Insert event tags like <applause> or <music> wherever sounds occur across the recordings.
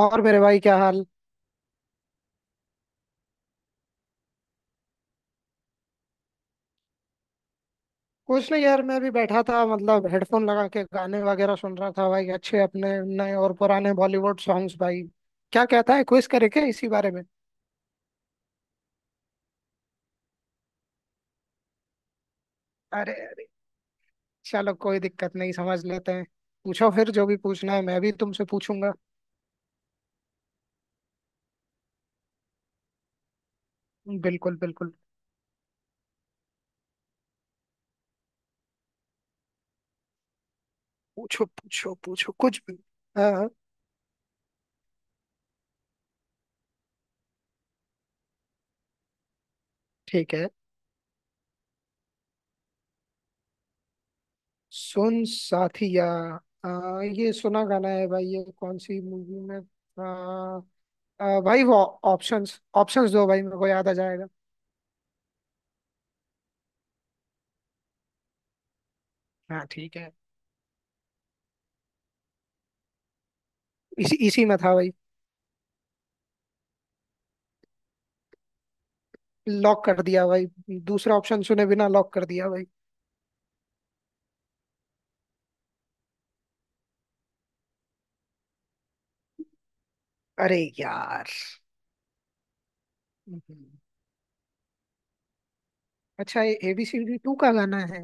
और मेरे भाई क्या हाल। कुछ नहीं यार, मैं भी बैठा था। मतलब हेडफोन लगा के गाने वगैरह सुन रहा था भाई, अच्छे अपने नए और पुराने बॉलीवुड सॉन्ग्स भाई। क्या कहता है, क्विज करे क्या इसी बारे में। अरे अरे, चलो कोई दिक्कत नहीं, समझ लेते हैं। पूछो फिर, जो भी पूछना है। मैं भी तुमसे पूछूंगा। बिल्कुल बिल्कुल। पूछो पूछो पूछो कुछ भी। हाँ। ठीक है। सुन साथिया। ये सुना गाना है भाई, ये कौन सी मूवी में था? भाई वो, ऑप्शंस ऑप्शंस दो भाई, मेरे को याद आ जाएगा। हाँ ठीक है। इसी इसी में था भाई। लॉक कर दिया भाई। दूसरा ऑप्शन सुने बिना लॉक कर दिया भाई। अरे यार। हम्म। अच्छा, ये एबीसीडी टू का गाना है।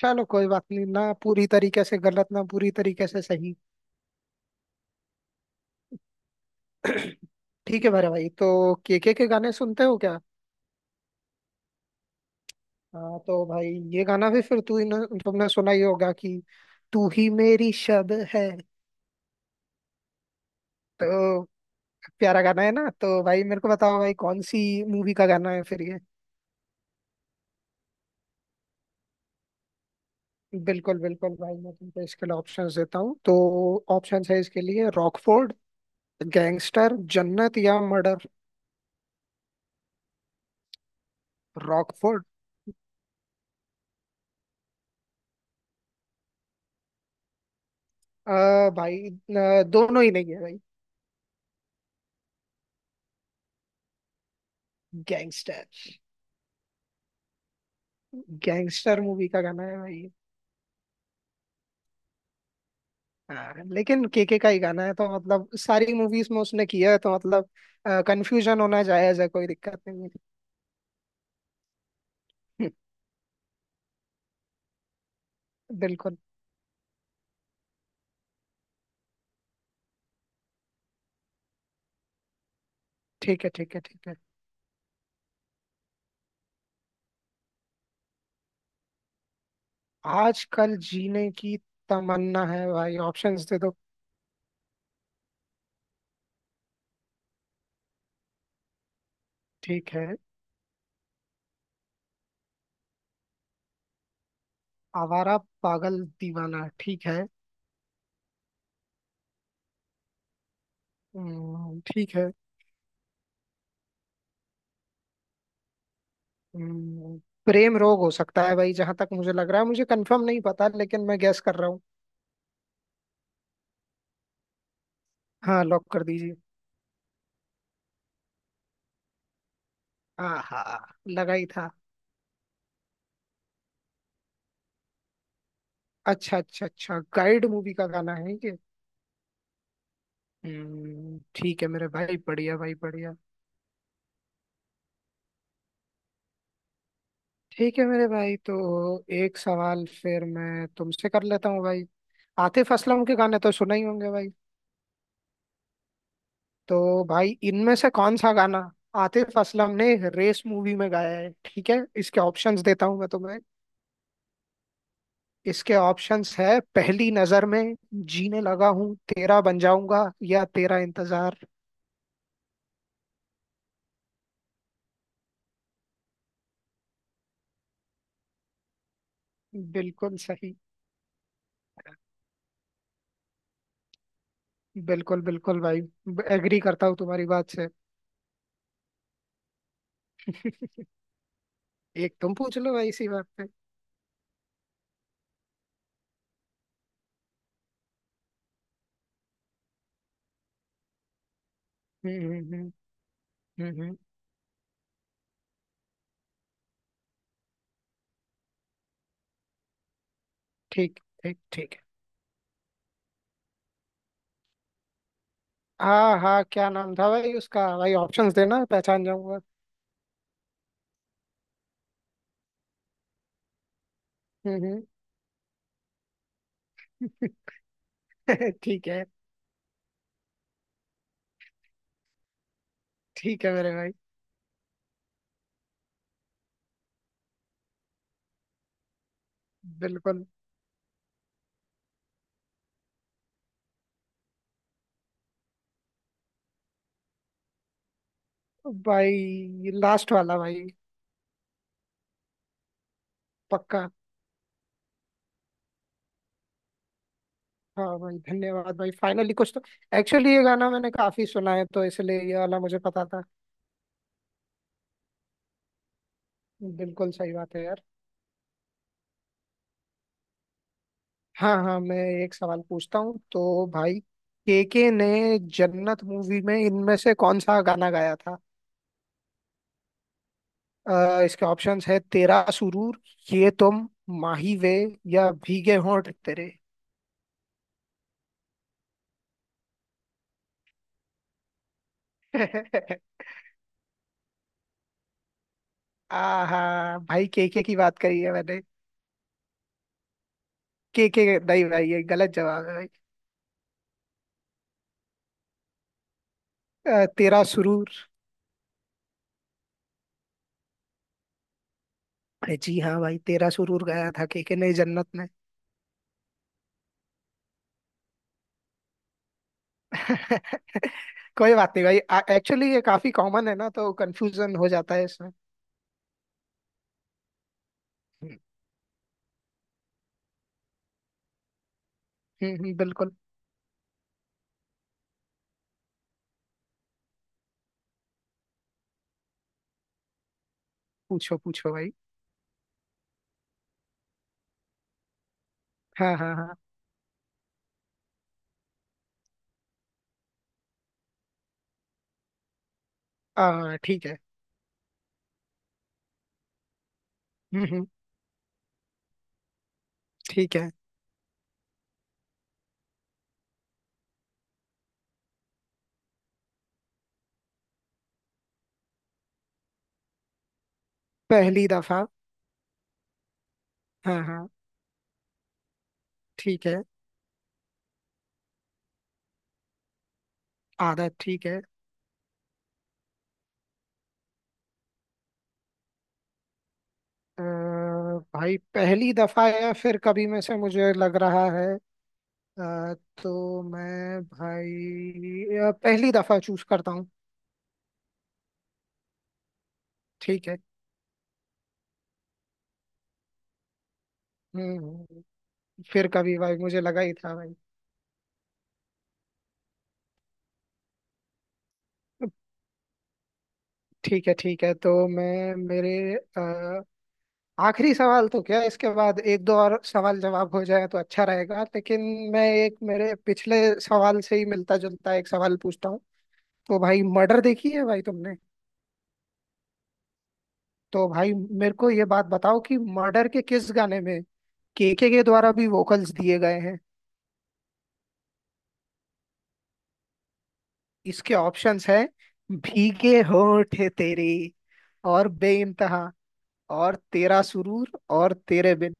चलो कोई बात नहीं, ना पूरी तरीके से गलत, ना पूरी तरीके से सही। ठीक है मेरे भाई, तो केके के गाने सुनते हो क्या। हाँ तो भाई, ये गाना भी फिर तू ही न- तुमने सुना ही होगा कि तू ही मेरी शब है। तो प्यारा गाना है ना, तो भाई मेरे को बताओ भाई, कौन सी मूवी का गाना है फिर ये। बिल्कुल बिल्कुल भाई, मैं तुमको इसके लिए ऑप्शंस देता हूँ। तो ऑप्शंस है इसके लिए रॉकफोर्ड, गैंगस्टर, जन्नत या मर्डर। रॉकफोर्ड? भाई, दोनों ही नहीं है भाई। गैंगस्टर, गैंगस्टर मूवी का गाना है भाई। हाँ लेकिन केके का ही गाना है, तो मतलब सारी मूवीज में उसने किया है, तो मतलब कंफ्यूजन होना जायज है, कोई दिक्कत नहीं है। <laughs> बिल्कुल। ठीक है ठीक है ठीक है। आजकल जीने की तमन्ना है भाई, ऑप्शंस दे दो। ठीक है। आवारा पागल दीवाना, ठीक है। ठीक है। हम्म, प्रेम रोग हो सकता है भाई, जहां तक मुझे लग रहा है। मुझे कंफर्म नहीं पता, लेकिन मैं गैस कर रहा हूँ। हाँ, लॉक कर दीजिए। आहा, लगा ही था। अच्छा अच्छा अच्छा, गाइड मूवी का गाना है ये। ठीक है मेरे भाई, बढ़िया भाई बढ़िया। ठीक है मेरे भाई, तो एक सवाल फिर मैं तुमसे कर लेता हूँ भाई। आतिफ असलम के गाने तो सुना ही होंगे भाई। तो भाई, इनमें से कौन सा गाना आतिफ असलम ने रेस मूवी में गाया है। ठीक है, इसके ऑप्शंस देता हूं मैं तुम्हें। इसके ऑप्शंस है पहली नजर में, जीने लगा हूं, तेरा बन जाऊंगा या तेरा इंतजार। बिल्कुल सही। बिल्कुल बिल्कुल भाई, एग्री करता हूँ तुम्हारी बात से। <laughs> एक तुम पूछ लो भाई इसी बात पे। हम्म। हम्म। ठीक ठीक ठीक है। हाँ हाँ, क्या नाम था भाई उसका, भाई ऑप्शंस देना, पहचान जाऊंगा। हम्म। <laughs> ठीक है। ठीक है मेरे भाई। बिल्कुल। भाई लास्ट वाला भाई। पक्का। हाँ भाई, धन्यवाद भाई, फाइनली कुछ तो। एक्चुअली ये गाना मैंने काफी सुना है, तो इसलिए ये वाला मुझे पता था। बिल्कुल सही बात है यार। हाँ हाँ, मैं एक सवाल पूछता हूँ। तो भाई, केके ने जन्नत मूवी में इनमें से कौन सा गाना गाया था। इसके ऑप्शंस है तेरा सुरूर, ये तुम, माही वे या भीगे होंठ तेरे। <laughs> आहा भाई, केके की बात करी है मैंने, के के। नहीं भाई, ये गलत जवाब है। तेरा सुरूर। अरे जी हाँ भाई, तेरा सुरूर गाया था केके ने जन्नत में। <laughs> कोई बात नहीं भाई। एक्चुअली ये काफी कॉमन है ना, तो कंफ्यूजन हो जाता है इसमें। हम्म हम्म। बिल्कुल। पूछो पूछो भाई। हाँ हाँ। हाँ ठीक है। हम्म हम्म, ठीक है। पहली दफा। हाँ हाँ, ठीक है। आदत, ठीक है। अ, भाई पहली दफा या फिर कभी में से मुझे लग रहा है। अ, तो मैं भाई, पहली दफा चूज करता हूँ। ठीक है। हम्म। फिर कभी, भाई मुझे लगा ही था भाई। ठीक है ठीक है, तो मैं मेरे, अ, आखिरी सवाल तो क्या, इसके बाद एक दो और सवाल जवाब हो जाए तो अच्छा रहेगा। लेकिन मैं एक मेरे पिछले सवाल से ही मिलता जुलता एक सवाल पूछता हूँ। तो भाई, मर्डर देखी है भाई तुमने। तो भाई मेरे को ये बात बताओ कि मर्डर के किस गाने में केके के द्वारा भी वोकल्स दिए गए हैं। इसके ऑप्शंस हैं भीगे होठ तेरे और बेइंतहा और तेरा सुरूर और तेरे बिन।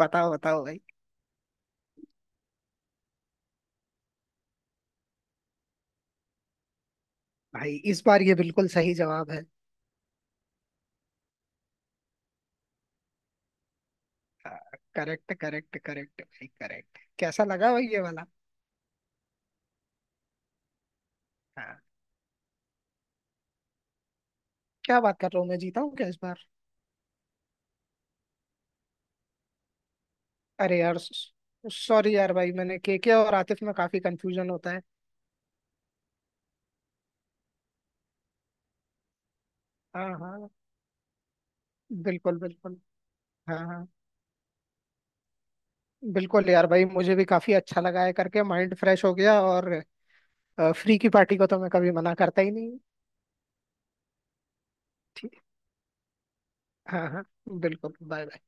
बताओ बताओ भाई। भाई इस बार ये बिल्कुल सही जवाब है। करेक्ट करेक्ट करेक्ट भाई, करेक्ट। कैसा लगा भाई ये वाला। हाँ क्या बात कर रहा हूँ, मैं जीता हूँ क्या इस बार। अरे यार, सॉरी यार भाई, मैंने केके और आतिफ में काफी कंफ्यूजन होता है। हाँ हाँ। बिल्कुल बिल्कुल। हाँ हाँ। बिल्कुल यार भाई, मुझे भी काफी अच्छा लगा है करके, माइंड फ्रेश हो गया। और फ्री की पार्टी को तो मैं कभी मना करता ही नहीं। ठीक। हाँ हाँ, बिल्कुल, बाय बाय।